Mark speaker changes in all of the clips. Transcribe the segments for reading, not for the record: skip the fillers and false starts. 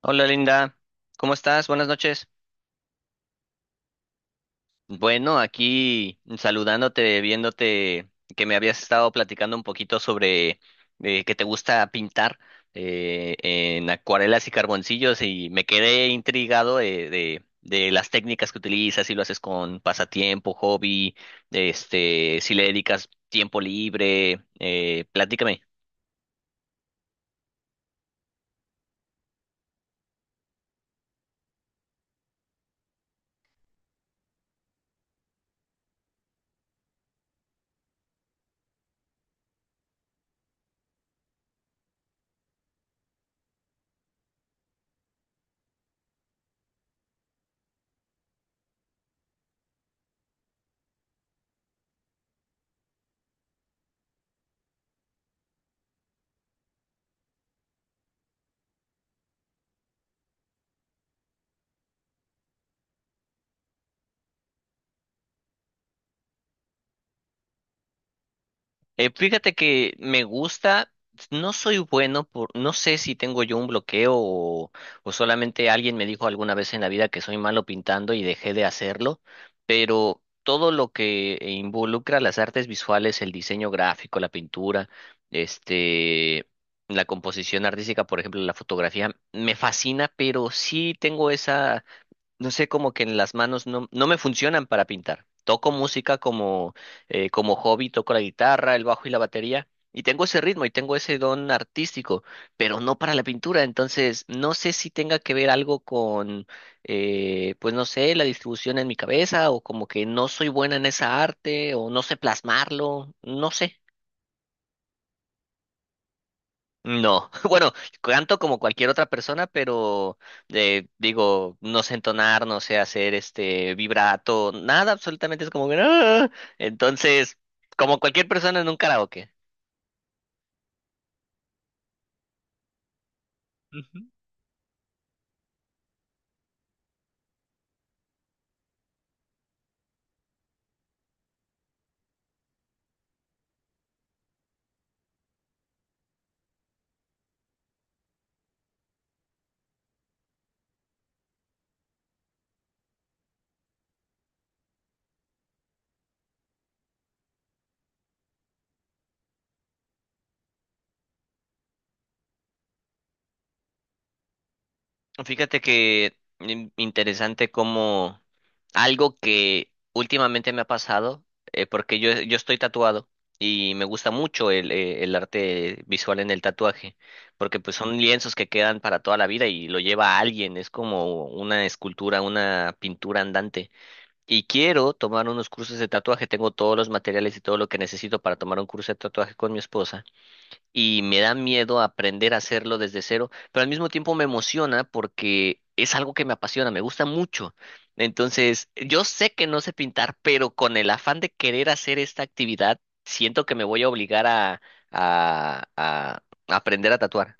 Speaker 1: Hola Linda, ¿cómo estás? Buenas noches. Bueno, aquí saludándote, viéndote que me habías estado platicando un poquito sobre que te gusta pintar en acuarelas y carboncillos y me quedé intrigado de las técnicas que utilizas, si lo haces con pasatiempo, hobby, este, si le dedicas tiempo libre, platícame. Fíjate que me gusta, no soy bueno por, no sé si tengo yo un bloqueo o solamente alguien me dijo alguna vez en la vida que soy malo pintando y dejé de hacerlo, pero todo lo que involucra las artes visuales, el diseño gráfico, la pintura, este, la composición artística, por ejemplo, la fotografía, me fascina, pero sí tengo esa no sé, como que en las manos no, no me funcionan para pintar. Toco música como, como hobby, toco la guitarra, el bajo y la batería, y tengo ese ritmo y tengo ese don artístico, pero no para la pintura. Entonces, no sé si tenga que ver algo con, pues no sé, la distribución en mi cabeza, o como que no soy buena en esa arte, o no sé plasmarlo, no sé. No, bueno, canto como cualquier otra persona, pero digo, no sé entonar, no sé hacer este vibrato, nada, absolutamente es como que "Ah". Entonces, como cualquier persona en un karaoke. Fíjate que interesante como algo que últimamente me ha pasado, porque yo estoy tatuado y me gusta mucho el arte visual en el tatuaje, porque pues son lienzos que quedan para toda la vida y lo lleva alguien, es como una escultura, una pintura andante. Y quiero tomar unos cursos de tatuaje, tengo todos los materiales y todo lo que necesito para tomar un curso de tatuaje con mi esposa y me da miedo aprender a hacerlo desde cero, pero al mismo tiempo me emociona porque es algo que me apasiona, me gusta mucho. Entonces, yo sé que no sé pintar, pero con el afán de querer hacer esta actividad, siento que me voy a obligar a aprender a tatuar.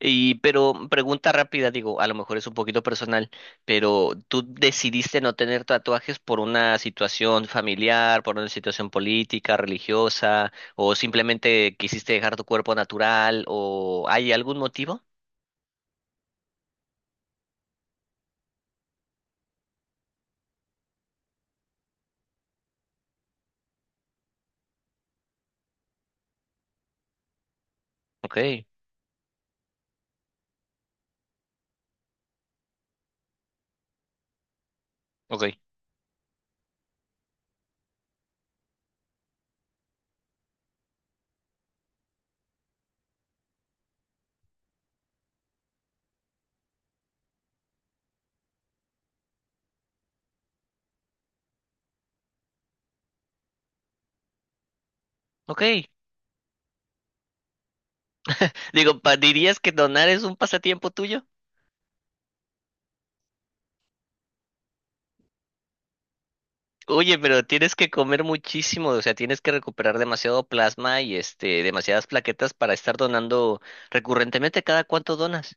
Speaker 1: Y, pero pregunta rápida, digo, a lo mejor es un poquito personal, pero ¿tú decidiste no tener tatuajes por una situación familiar, por una situación política, religiosa, o simplemente quisiste dejar tu cuerpo natural, o hay algún motivo? Ok, ok, ok. Digo, ¿dirías que donar es un pasatiempo tuyo? Oye, pero tienes que comer muchísimo, o sea, tienes que recuperar demasiado plasma y este, demasiadas plaquetas para estar donando recurrentemente. ¿Cada cuánto donas?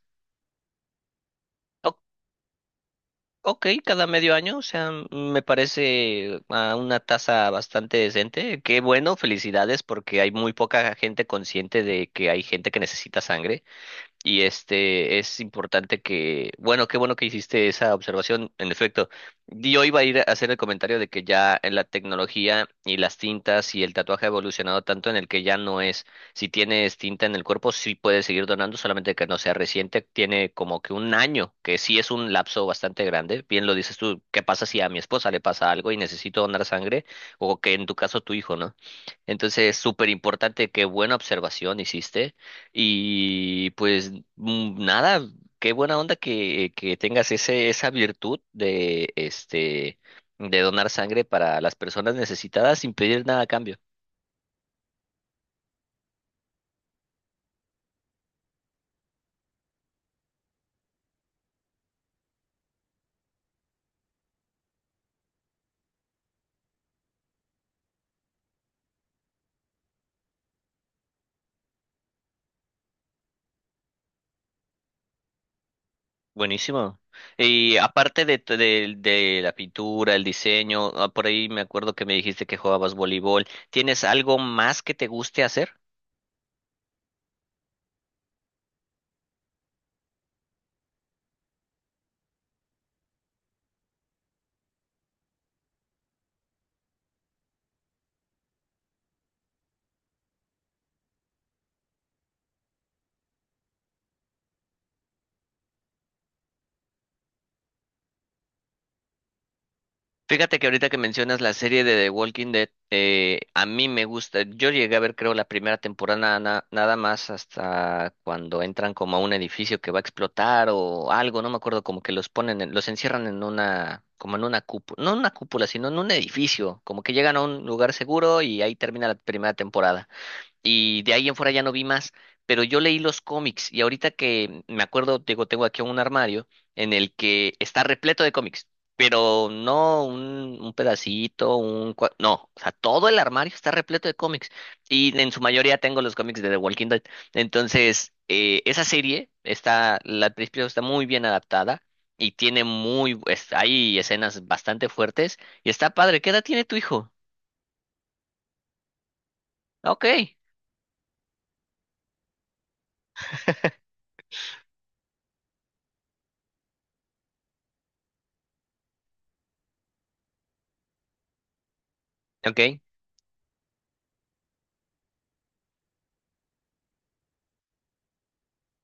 Speaker 1: Ok, cada medio año, o sea, me parece a una tasa bastante decente. Qué bueno, felicidades, porque hay muy poca gente consciente de que hay gente que necesita sangre. Y este es importante que, bueno, qué bueno que hiciste esa observación, en efecto. Yo iba a ir a hacer el comentario de que ya en la tecnología y las tintas y el tatuaje ha evolucionado tanto en el que ya no es, si tienes tinta en el cuerpo, sí puedes seguir donando, solamente que no sea reciente, tiene como que un año, que sí es un lapso bastante grande. Bien lo dices tú, ¿qué pasa si a mi esposa le pasa algo y necesito donar sangre? O que en tu caso tu hijo, ¿no? Entonces, súper importante, qué buena observación hiciste. Y pues mm, nada, qué buena onda que tengas ese, esa virtud de este de donar sangre para las personas necesitadas sin pedir nada a cambio. Buenísimo. Y aparte de la pintura, el diseño, ah, por ahí me acuerdo que me dijiste que jugabas voleibol. ¿Tienes algo más que te guste hacer? Fíjate que ahorita que mencionas la serie de The Walking Dead, a mí me gusta. Yo llegué a ver, creo, la primera temporada nada más hasta cuando entran como a un edificio que va a explotar o algo, no me acuerdo, como que los ponen, los encierran en una, como en una cúpula, no en una cúpula, sino en un edificio, como que llegan a un lugar seguro y ahí termina la primera temporada y de ahí en fuera ya no vi más, pero yo leí los cómics y ahorita que me acuerdo, digo, tengo aquí un armario en el que está repleto de cómics, pero no un, un pedacito, un... cua- No, o sea, todo el armario está repleto de cómics y en su mayoría tengo los cómics de The Walking Dead. Entonces, esa serie está, la al principio está muy bien adaptada. Y tiene muy, hay escenas bastante fuertes. Y está padre. ¿Qué edad tiene tu hijo? Ok. Ok.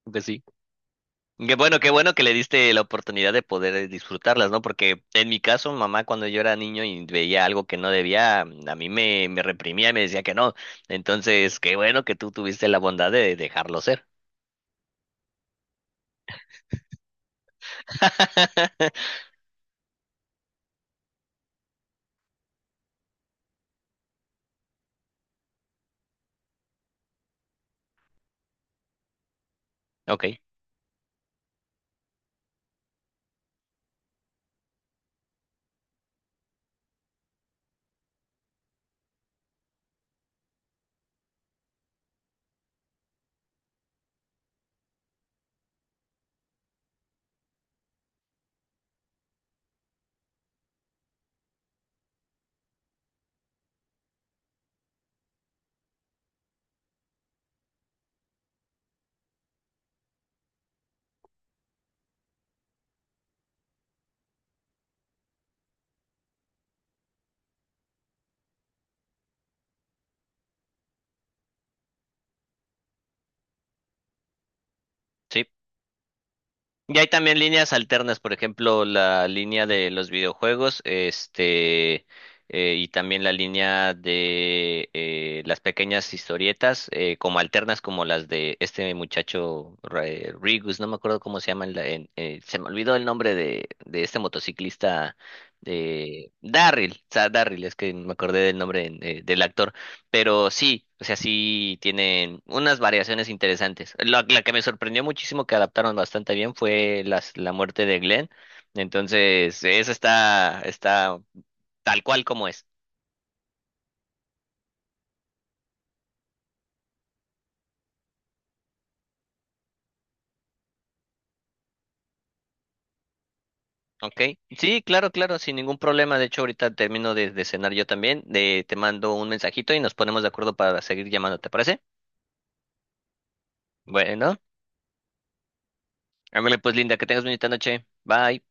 Speaker 1: Pues sí. Qué bueno que le diste la oportunidad de poder disfrutarlas, ¿no? Porque en mi caso, mamá cuando yo era niño y veía algo que no debía, a mí me, me reprimía y me decía que no. Entonces, qué bueno que tú tuviste la bondad de dejarlo ser. Ok, sí. Y hay también líneas alternas, por ejemplo, la línea de los videojuegos, este, y también la línea de las pequeñas historietas, como alternas, como las de este muchacho Rigus, no me acuerdo cómo se llama, se me olvidó el nombre de este motociclista, Darryl, es que me acordé del nombre del actor pero sí, o sea, sí tienen unas variaciones interesantes. La que me sorprendió muchísimo que adaptaron bastante bien fue las, la muerte de Glenn. Entonces, esa está, está tal cual como es. ¿Ok? Sí, claro, claro, sin ningún problema. De hecho, ahorita termino de cenar yo también. De, te mando un mensajito y nos ponemos de acuerdo para seguir llamando, ¿te parece? Bueno, ándale pues, Linda, que tengas bonita noche. Bye.